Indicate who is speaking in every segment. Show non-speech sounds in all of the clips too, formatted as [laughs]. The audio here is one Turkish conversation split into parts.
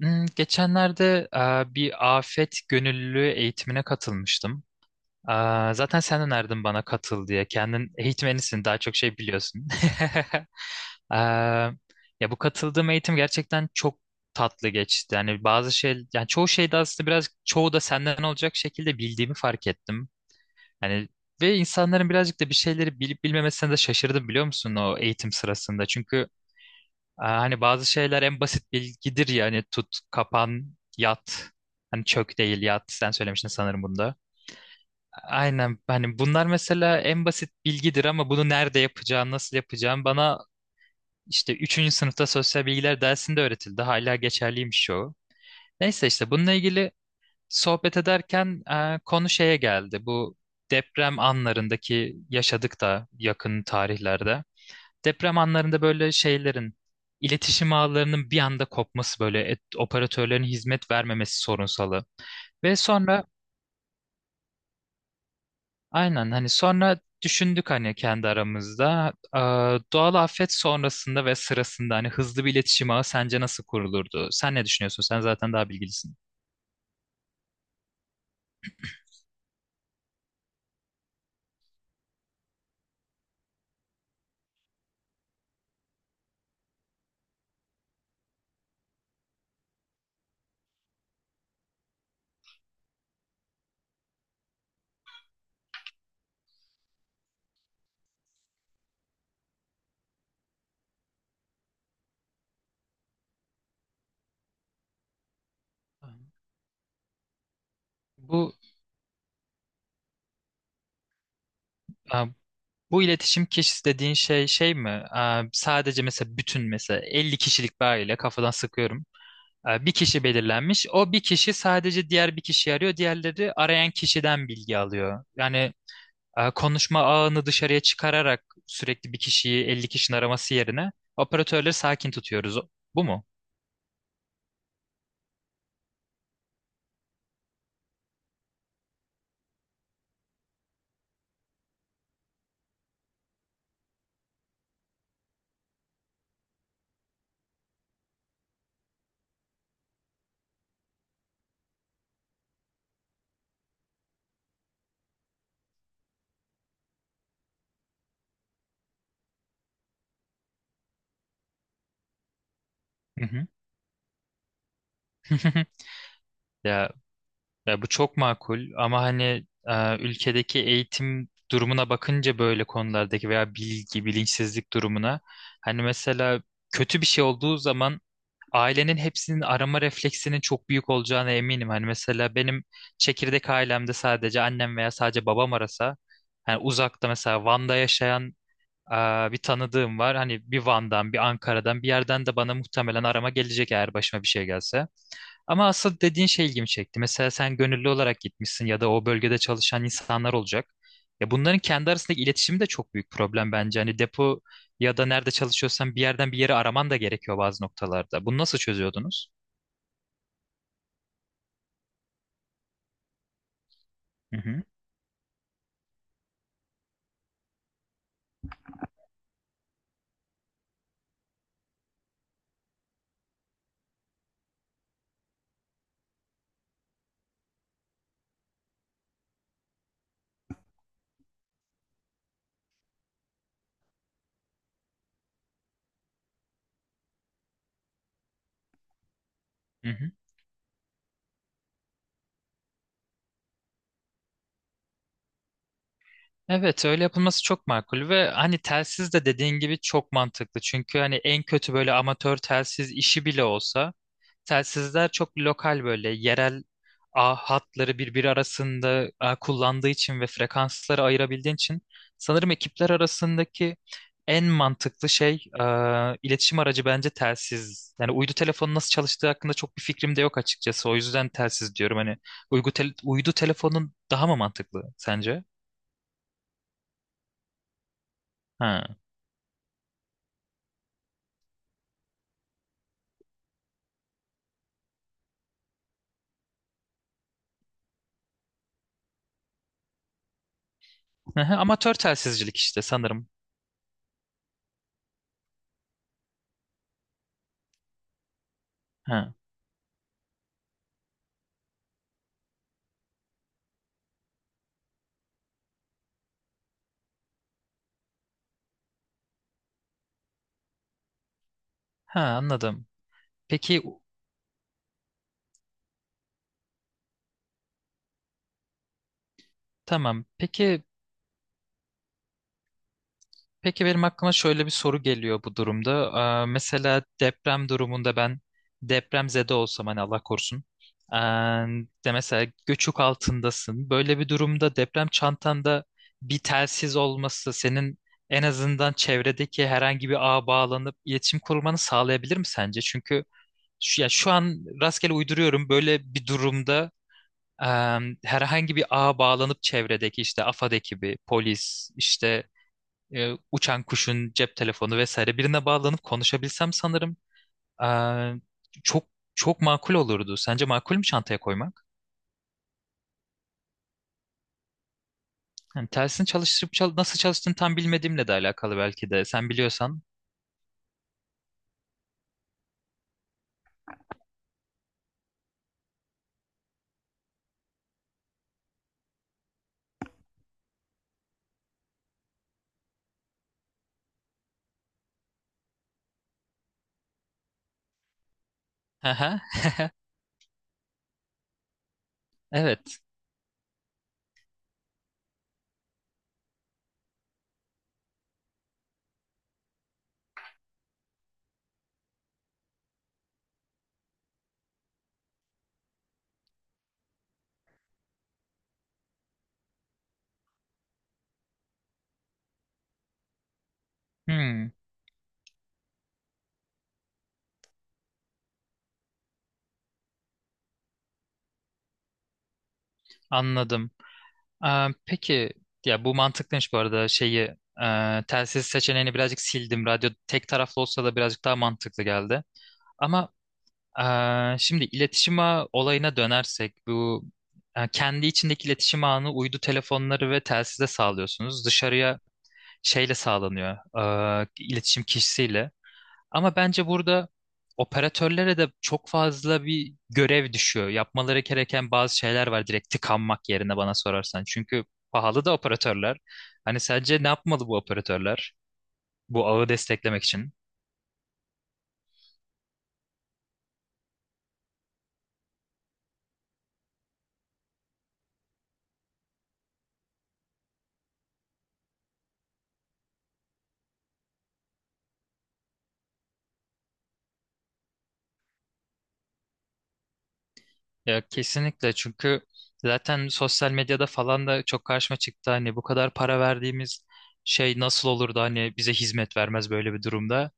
Speaker 1: Hmm, geçenlerde bir afet gönüllülüğü eğitimine katılmıştım. E, Zaten sen önerdin bana katıl diye. Kendin eğitmenisin, daha çok şey biliyorsun. [laughs] E, Ya bu katıldığım eğitim gerçekten çok tatlı geçti. Yani yani çoğu şeyde aslında biraz çoğu da senden olacak şekilde bildiğimi fark ettim. Yani ve insanların birazcık da bir şeyleri bilip bilmemesine de şaşırdım biliyor musun o eğitim sırasında. Çünkü hani bazı şeyler en basit bilgidir ya hani tut, kapan, yat. Hani çök değil yat sen söylemiştin sanırım bunda. Aynen, hani bunlar mesela en basit bilgidir ama bunu nerede yapacağım, nasıl yapacağım bana işte üçüncü sınıfta sosyal bilgiler dersinde öğretildi. Hala geçerliymiş o. Neyse işte bununla ilgili sohbet ederken konu şeye geldi. Bu deprem anlarındaki, yaşadık da yakın tarihlerde deprem anlarında böyle şeylerin, iletişim ağlarının bir anda kopması, böyle operatörlerin hizmet vermemesi sorunsalı. Ve sonra aynen, hani sonra düşündük hani kendi aramızda. Doğal afet sonrasında ve sırasında hani hızlı bir iletişim ağı sence nasıl kurulurdu? Sen ne düşünüyorsun? Sen zaten daha bilgilisin. Bu aa, bu iletişim kişisi dediğin şey mi? Aa, sadece mesela bütün, mesela 50 kişilik bir aile kafadan sıkıyorum. Bir kişi belirlenmiş. O bir kişi sadece diğer bir kişiyi arıyor. Diğerleri arayan kişiden bilgi alıyor. Yani konuşma ağını dışarıya çıkararak sürekli bir kişiyi 50 kişinin araması yerine operatörleri sakin tutuyoruz. Bu mu? Hı hı. [laughs] Ya Ya bu çok makul ama hani ülkedeki eğitim durumuna bakınca böyle konulardaki veya bilgi, bilinçsizlik durumuna, hani mesela kötü bir şey olduğu zaman ailenin hepsinin arama refleksinin çok büyük olacağına eminim. Hani mesela benim çekirdek ailemde sadece annem veya sadece babam arasa, hani uzakta mesela Van'da yaşayan e, bir tanıdığım var. Hani bir Van'dan, bir Ankara'dan, bir yerden de bana muhtemelen arama gelecek eğer başıma bir şey gelse. Ama asıl dediğin şey ilgimi çekti. Mesela sen gönüllü olarak gitmişsin ya da o bölgede çalışan insanlar olacak. Ya bunların kendi arasındaki iletişimi de çok büyük problem bence. Hani depo ya da nerede çalışıyorsan bir yerden bir yere araman da gerekiyor bazı noktalarda. Bunu nasıl çözüyordunuz? Hı hı, hı hı. Evet, öyle yapılması çok makul ve hani telsiz de dediğin gibi çok mantıklı. Çünkü hani en kötü böyle amatör telsiz işi bile olsa, telsizler çok lokal, böyle yerel ağ hatları birbiri arasında kullandığı için ve frekansları ayırabildiğin için sanırım ekipler arasındaki en mantıklı şey, e, iletişim aracı bence telsiz. Yani uydu telefonu nasıl çalıştığı hakkında çok bir fikrim de yok açıkçası. O yüzden telsiz diyorum. Hani uydu telefonun daha mı mantıklı sence? Ha. Aha, amatör telsizcilik işte sanırım. Ha. Ha, anladım. Peki u- tamam. Peki Peki benim aklıma şöyle bir soru geliyor bu durumda. Mesela deprem durumunda ben depremzede olsam, hani Allah korusun. Ee, De mesela göçük altındasın. Böyle bir durumda deprem çantanda bir telsiz olması senin en azından çevredeki herhangi bir ağa bağlanıp iletişim kurmanı sağlayabilir mi sence? Çünkü ya şu an rastgele uyduruyorum, böyle bir durumda e, herhangi bir ağa bağlanıp çevredeki işte AFAD ekibi, polis, işte uçan kuşun cep telefonu vesaire birine bağlanıp konuşabilsem sanırım eee, çok çok makul olurdu. Sence makul mü çantaya koymak? Yani tersini çalıştırıp nasıl çalıştığını tam bilmediğimle de alakalı belki de. Sen biliyorsan. Aha, [laughs] evet. Hmm, anladım. Peki, ya bu mantıklıymış bu arada, şeyi telsiz seçeneğini birazcık sildim. Radyo tek taraflı olsa da birazcık daha mantıklı geldi. Ama şimdi iletişim ağı olayına dönersek bu kendi içindeki iletişim ağını uydu telefonları ve telsize sağlıyorsunuz. Dışarıya şeyle sağlanıyor, iletişim kişisiyle. Ama bence burada operatörlere de çok fazla bir görev düşüyor. Yapmaları gereken bazı şeyler var, direkt tıkanmak yerine bana sorarsan. Çünkü pahalı da operatörler. Hani sence ne yapmalı bu operatörler bu ağı desteklemek için? Ya kesinlikle, çünkü zaten sosyal medyada falan da çok karşıma çıktı hani bu kadar para verdiğimiz şey nasıl olur da hani bize hizmet vermez böyle bir durumda.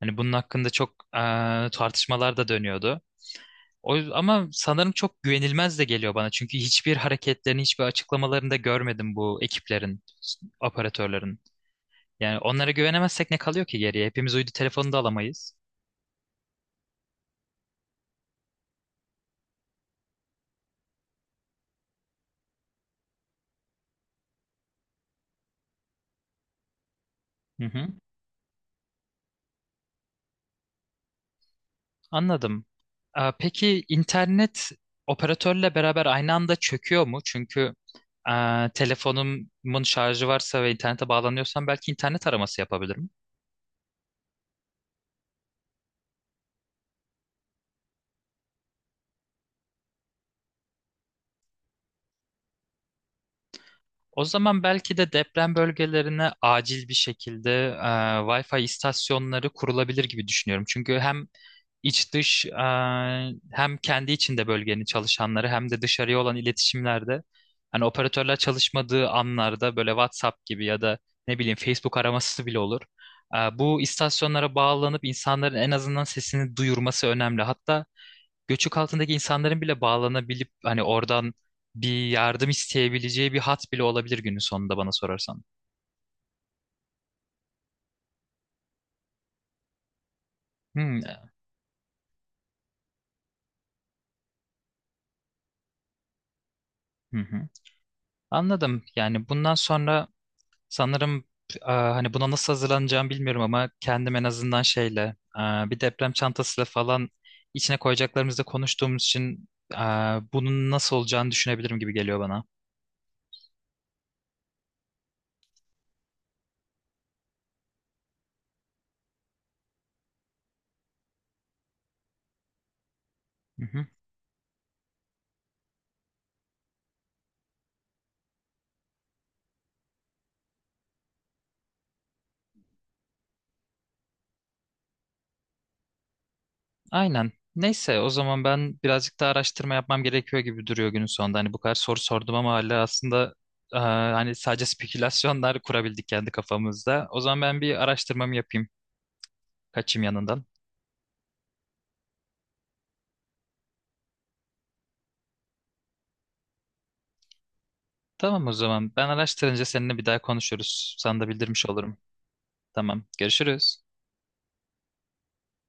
Speaker 1: Hani bunun hakkında çok tartışmalar da dönüyordu. Ama sanırım çok güvenilmez de geliyor bana çünkü hiçbir hareketlerini, hiçbir açıklamalarını da görmedim bu ekiplerin, operatörlerin. Yani onlara güvenemezsek ne kalıyor ki geriye? Hepimiz uydu telefonu da alamayız. Anladım. Peki internet operatörle beraber aynı anda çöküyor mu? Çünkü telefonumun şarjı varsa ve internete bağlanıyorsam belki internet araması yapabilirim. O zaman belki de deprem bölgelerine acil bir şekilde Wi-Fi istasyonları kurulabilir gibi düşünüyorum. Çünkü hem iç dış e, hem kendi içinde bölgenin çalışanları hem de dışarıya olan iletişimlerde hani operatörler çalışmadığı anlarda böyle WhatsApp gibi ya da ne bileyim Facebook araması bile olur. Bu istasyonlara bağlanıp insanların en azından sesini duyurması önemli. Hatta göçük altındaki insanların bile bağlanabilip hani oradan bir yardım isteyebileceği bir hat bile olabilir günün sonunda bana sorarsan. Hmm, hı hı. Anladım. Yani bundan sonra sanırım hani buna nasıl hazırlanacağımı bilmiyorum ama kendim en azından şeyle, bir deprem çantasıyla falan içine koyacaklarımızda konuştuğumuz için bunun nasıl olacağını düşünebilirim gibi geliyor bana. Hı hı. Aynen. Neyse, o zaman ben birazcık daha araştırma yapmam gerekiyor gibi duruyor günün sonunda. Hani bu kadar soru sordum ama hala aslında hani sadece [laughs] spekülasyonlar kurabildik kendi kafamızda. O zaman ben bir araştırmamı yapayım. Kaçayım yanından. Tamam o zaman. Ben araştırınca seninle bir daha konuşuruz. Sana da bildirmiş olurum. Tamam. Görüşürüz.